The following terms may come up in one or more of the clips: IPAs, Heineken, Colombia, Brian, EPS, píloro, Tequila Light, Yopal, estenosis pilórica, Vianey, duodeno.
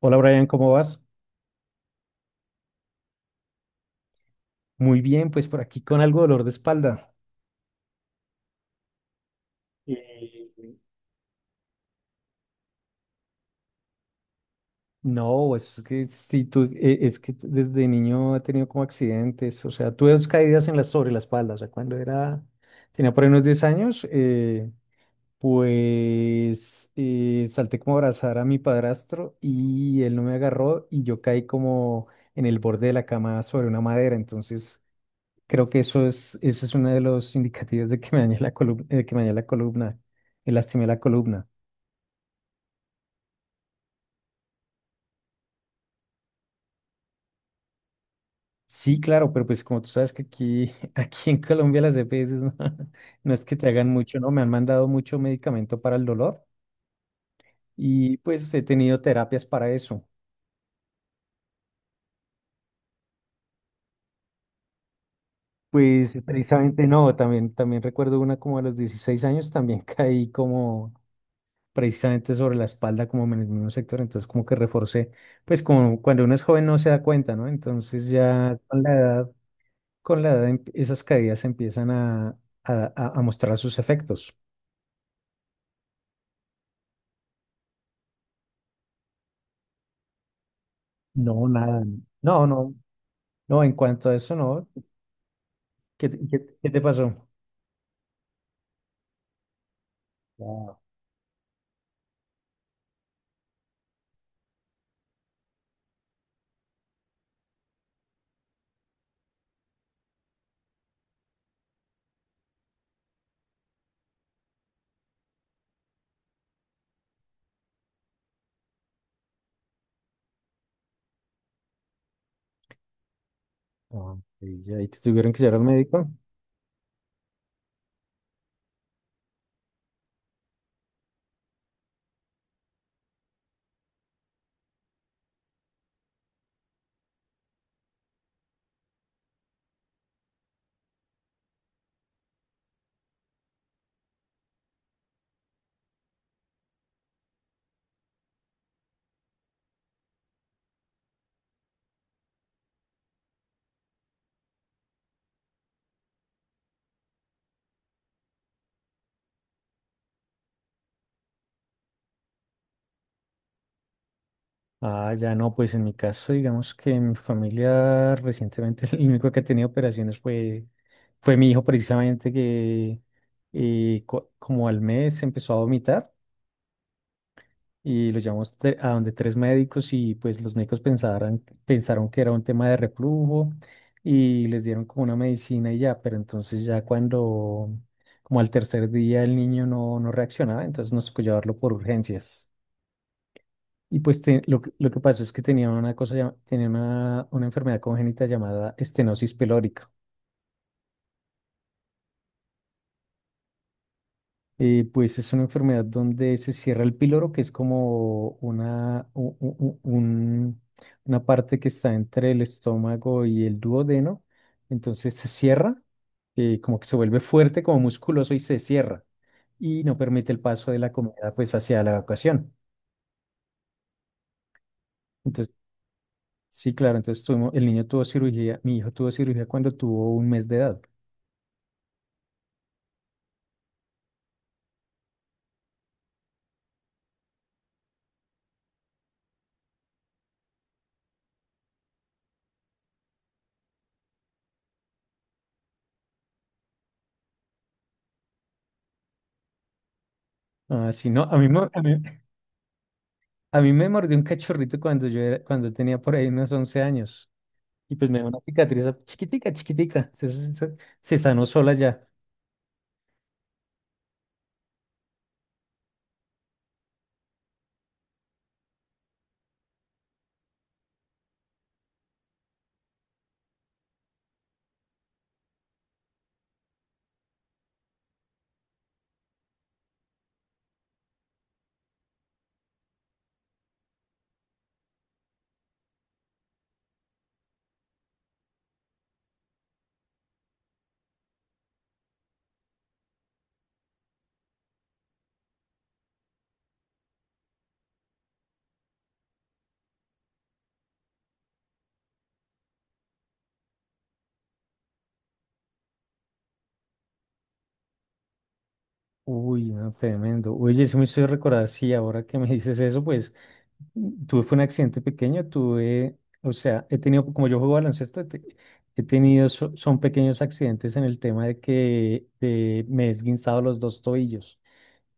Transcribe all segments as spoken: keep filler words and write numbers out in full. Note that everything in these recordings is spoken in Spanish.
Hola Brian, ¿cómo vas? Muy bien, pues por aquí con algo de dolor de espalda. Eh, No, pues es que si tú, eh, es que desde niño he tenido como accidentes, o sea, tuve dos caídas en la, sobre la espalda, o sea, cuando era, tenía por ahí unos diez años, eh, pues eh, salté como a abrazar a mi padrastro y él no me agarró y yo caí como en el borde de la cama sobre una madera, entonces creo que eso es, ese es uno de los indicativos de que me dañé la columna, de que me dañé la columna, me lastimé la columna. Sí, claro, pero pues como tú sabes que aquí, aquí en Colombia las E P S no, no es que te hagan mucho, ¿no? Me han mandado mucho medicamento para el dolor y pues he tenido terapias para eso. Pues precisamente no, también, también recuerdo una como a los dieciséis años, también caí como precisamente sobre la espalda, como en el mismo sector, entonces como que reforcé, pues como cuando uno es joven no se da cuenta, ¿no? Entonces ya con la edad, con la edad em- esas caídas empiezan a, a, a a mostrar sus efectos. No, nada, no, no, no, en cuanto a eso, no. ¿Qué, te- qué, qué te pasó? Wow. Ah, ok, ya. ¿Y te tuvieron que llevar al médico? Ah, ya no, pues en mi caso, digamos que mi familia recientemente el único que ha tenido operaciones fue, fue mi hijo precisamente que eh, co- como al mes empezó a vomitar y lo llevamos te- a donde tres médicos y pues los médicos pensaron, pensaron que era un tema de reflujo y les dieron como una medicina y ya, pero entonces ya cuando como al tercer día el niño no, no reaccionaba, entonces nos tocó llevarlo por urgencias. Y pues te- lo, que lo que pasó es que tenía una cosa, llama- tenía una, una enfermedad congénita llamada estenosis pilórica. Eh, pues es una enfermedad donde se cierra el píloro, que es como una, u- u- u- un- una parte que está entre el estómago y el duodeno. Entonces se cierra, eh, como que se vuelve fuerte, como musculoso y se cierra. Y no permite el paso de la comida pues hacia la evacuación. Entonces, sí, claro, entonces tuvimos, el niño tuvo cirugía, mi hijo tuvo cirugía cuando tuvo un mes de edad. Ah, sí, no, a mí, mo- a mí, a mí me mordió un cachorrito cuando yo era- cuando tenía por ahí unos once años. Y pues me dio una cicatriz a- chiquitica, chiquitica. Se, se- se- se sanó sola ya. Uy, no, tremendo. Oye, sí me estoy recordar, sí, ahora que me dices eso, pues mm, tuve fue un accidente pequeño, tuve, o sea, he tenido, como yo juego baloncesto, te- he tenido, so- son pequeños accidentes en el tema de que eh, me he esguinzado los dos tobillos.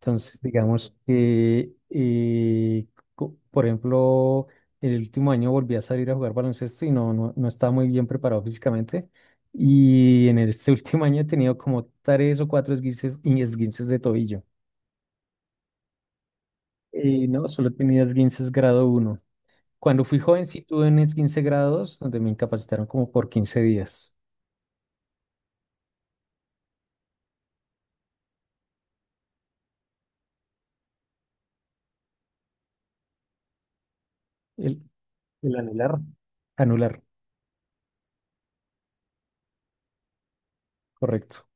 Entonces, digamos que, eh, co- por ejemplo, el último año volví a salir a jugar baloncesto y no, no, no estaba muy bien preparado físicamente. Y en este último año he tenido como tres o cuatro esguinces, y esguinces de tobillo. Eh, no, solo he tenido esguinces grado uno. Cuando fui joven sí tuve un esguince grado dos donde me incapacitaron como por quince días. El, el anular. Anular, correcto.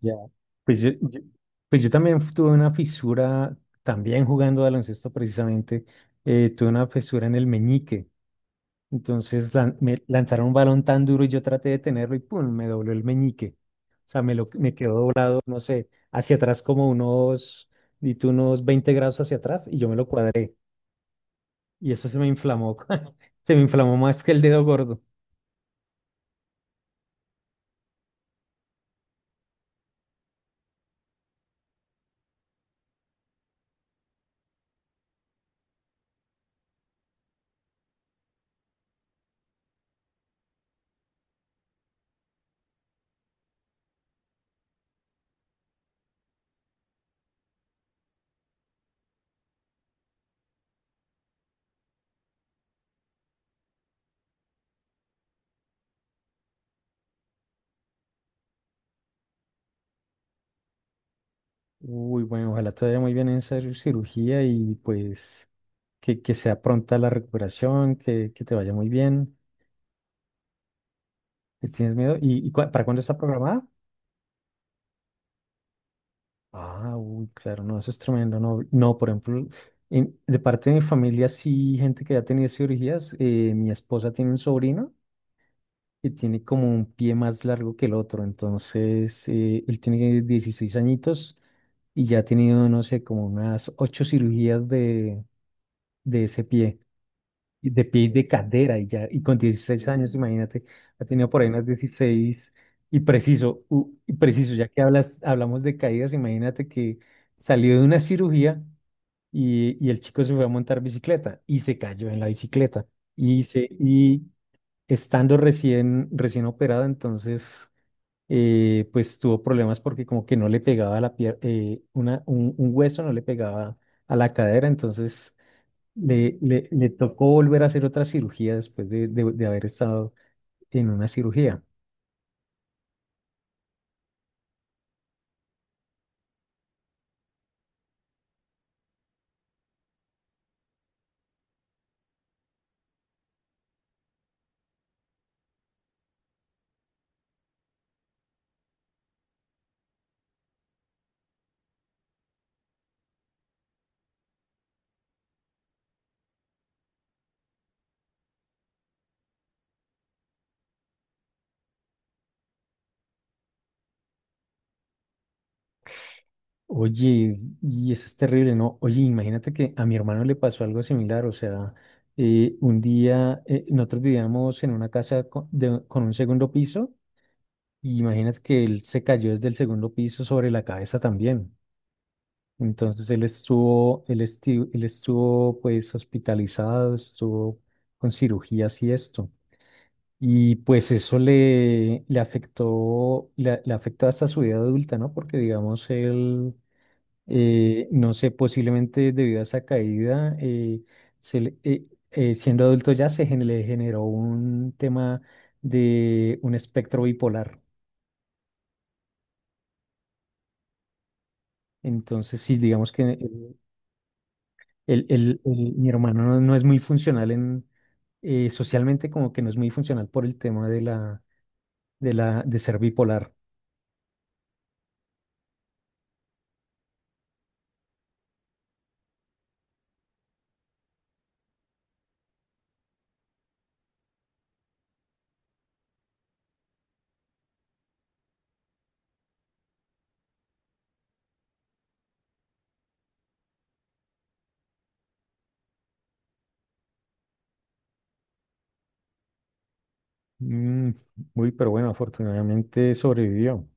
Ya. Pues yo, yo- pues yo también tuve una fisura, también jugando baloncesto precisamente, eh, tuve una fisura en el meñique. Entonces lan- me lanzaron un balón tan duro y yo traté de tenerlo y ¡pum! Me dobló el meñique. O sea, me, lo, me quedó doblado, no sé, hacia atrás como unos, di tú, unos veinte grados hacia atrás y yo me lo cuadré. Y eso se me inflamó, se me inflamó más que el dedo gordo. Uy, bueno, ojalá te vaya muy bien en esa cirugía y pues... que, que sea pronta la recuperación, que, que te vaya muy bien, que tienes miedo. ¿Y, y cua- para cuándo está programada? Ah, uy, claro, no, eso es tremendo. No, no, por ejemplo, en- de parte de mi familia, sí, gente que ya ha tenido cirugías, eh, mi esposa tiene un sobrino que tiene como un pie más largo que el otro, entonces eh, él tiene dieciséis añitos y ya ha tenido, no sé, como unas ocho cirugías de, de ese pie. Y de pie y de cadera y ya, y con dieciséis años, imagínate, ha tenido por ahí unas dieciséis. Y preciso, u- y preciso, ya que hablas, hablamos de caídas, imagínate que salió de una cirugía y, y el chico se fue a montar bicicleta y se cayó en la bicicleta y se, y estando recién, recién operado, entonces, eh, pues tuvo problemas porque como que no le pegaba la pier- eh, una, un, un hueso no le pegaba a la cadera, entonces le, le, le tocó volver a hacer otra cirugía después de, de- de haber estado en una cirugía. Oye, y eso es terrible, ¿no? Oye, imagínate que a mi hermano le pasó algo similar, o sea, eh, un día eh, nosotros vivíamos en una casa co- de- con, un segundo piso, y imagínate que él se cayó desde el segundo piso sobre la cabeza también. Entonces él estuvo, él estu- él estuvo pues hospitalizado, estuvo con cirugías y esto. Y pues eso le, le afectó, le, le afectó hasta su vida adulta, ¿no? Porque digamos, él, eh, no sé, posiblemente debido a esa caída, eh, se le- eh, eh, siendo adulto ya se gen- le generó un tema de un espectro bipolar. Entonces, sí, digamos que el, el- el- el- mi hermano no, no es muy funcional en, eh, socialmente, como que no es muy funcional por el tema de la, de la, de ser bipolar. Mm, uy, pero bueno, afortunadamente sobrevivió.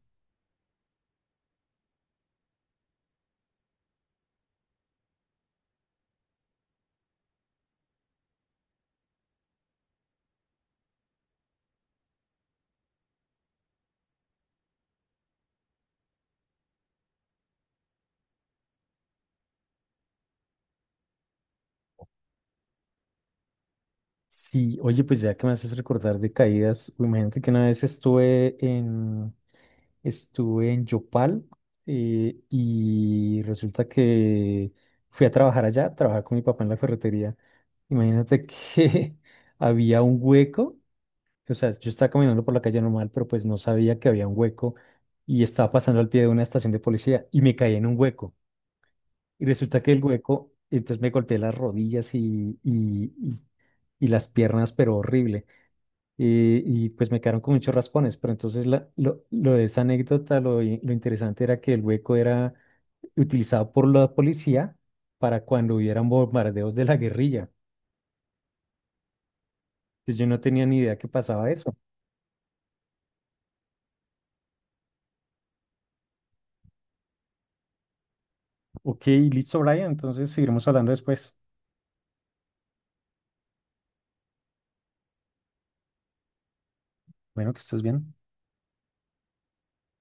Sí, oye, pues ya que me haces recordar de caídas, uy, imagínate que una vez estuve en, estuve en Yopal eh, y resulta que fui a trabajar allá, trabajaba con mi papá en la ferretería. Imagínate que había un hueco, o sea, yo estaba caminando por la calle normal, pero pues no sabía que había un hueco y estaba pasando al pie de una estación de policía y me caí en un hueco. Y resulta que el hueco, entonces me golpeé las rodillas y, y, y- y las piernas, pero horrible. Y, y pues me quedaron con muchos raspones, pero entonces la- lo, lo de esa anécdota, lo, i- lo interesante era que el hueco era utilizado por la policía para cuando hubieran bombardeos de la guerrilla. Entonces yo no tenía ni idea que pasaba eso. Ok, listo, Brian, entonces seguiremos hablando después. Bueno, que estés bien.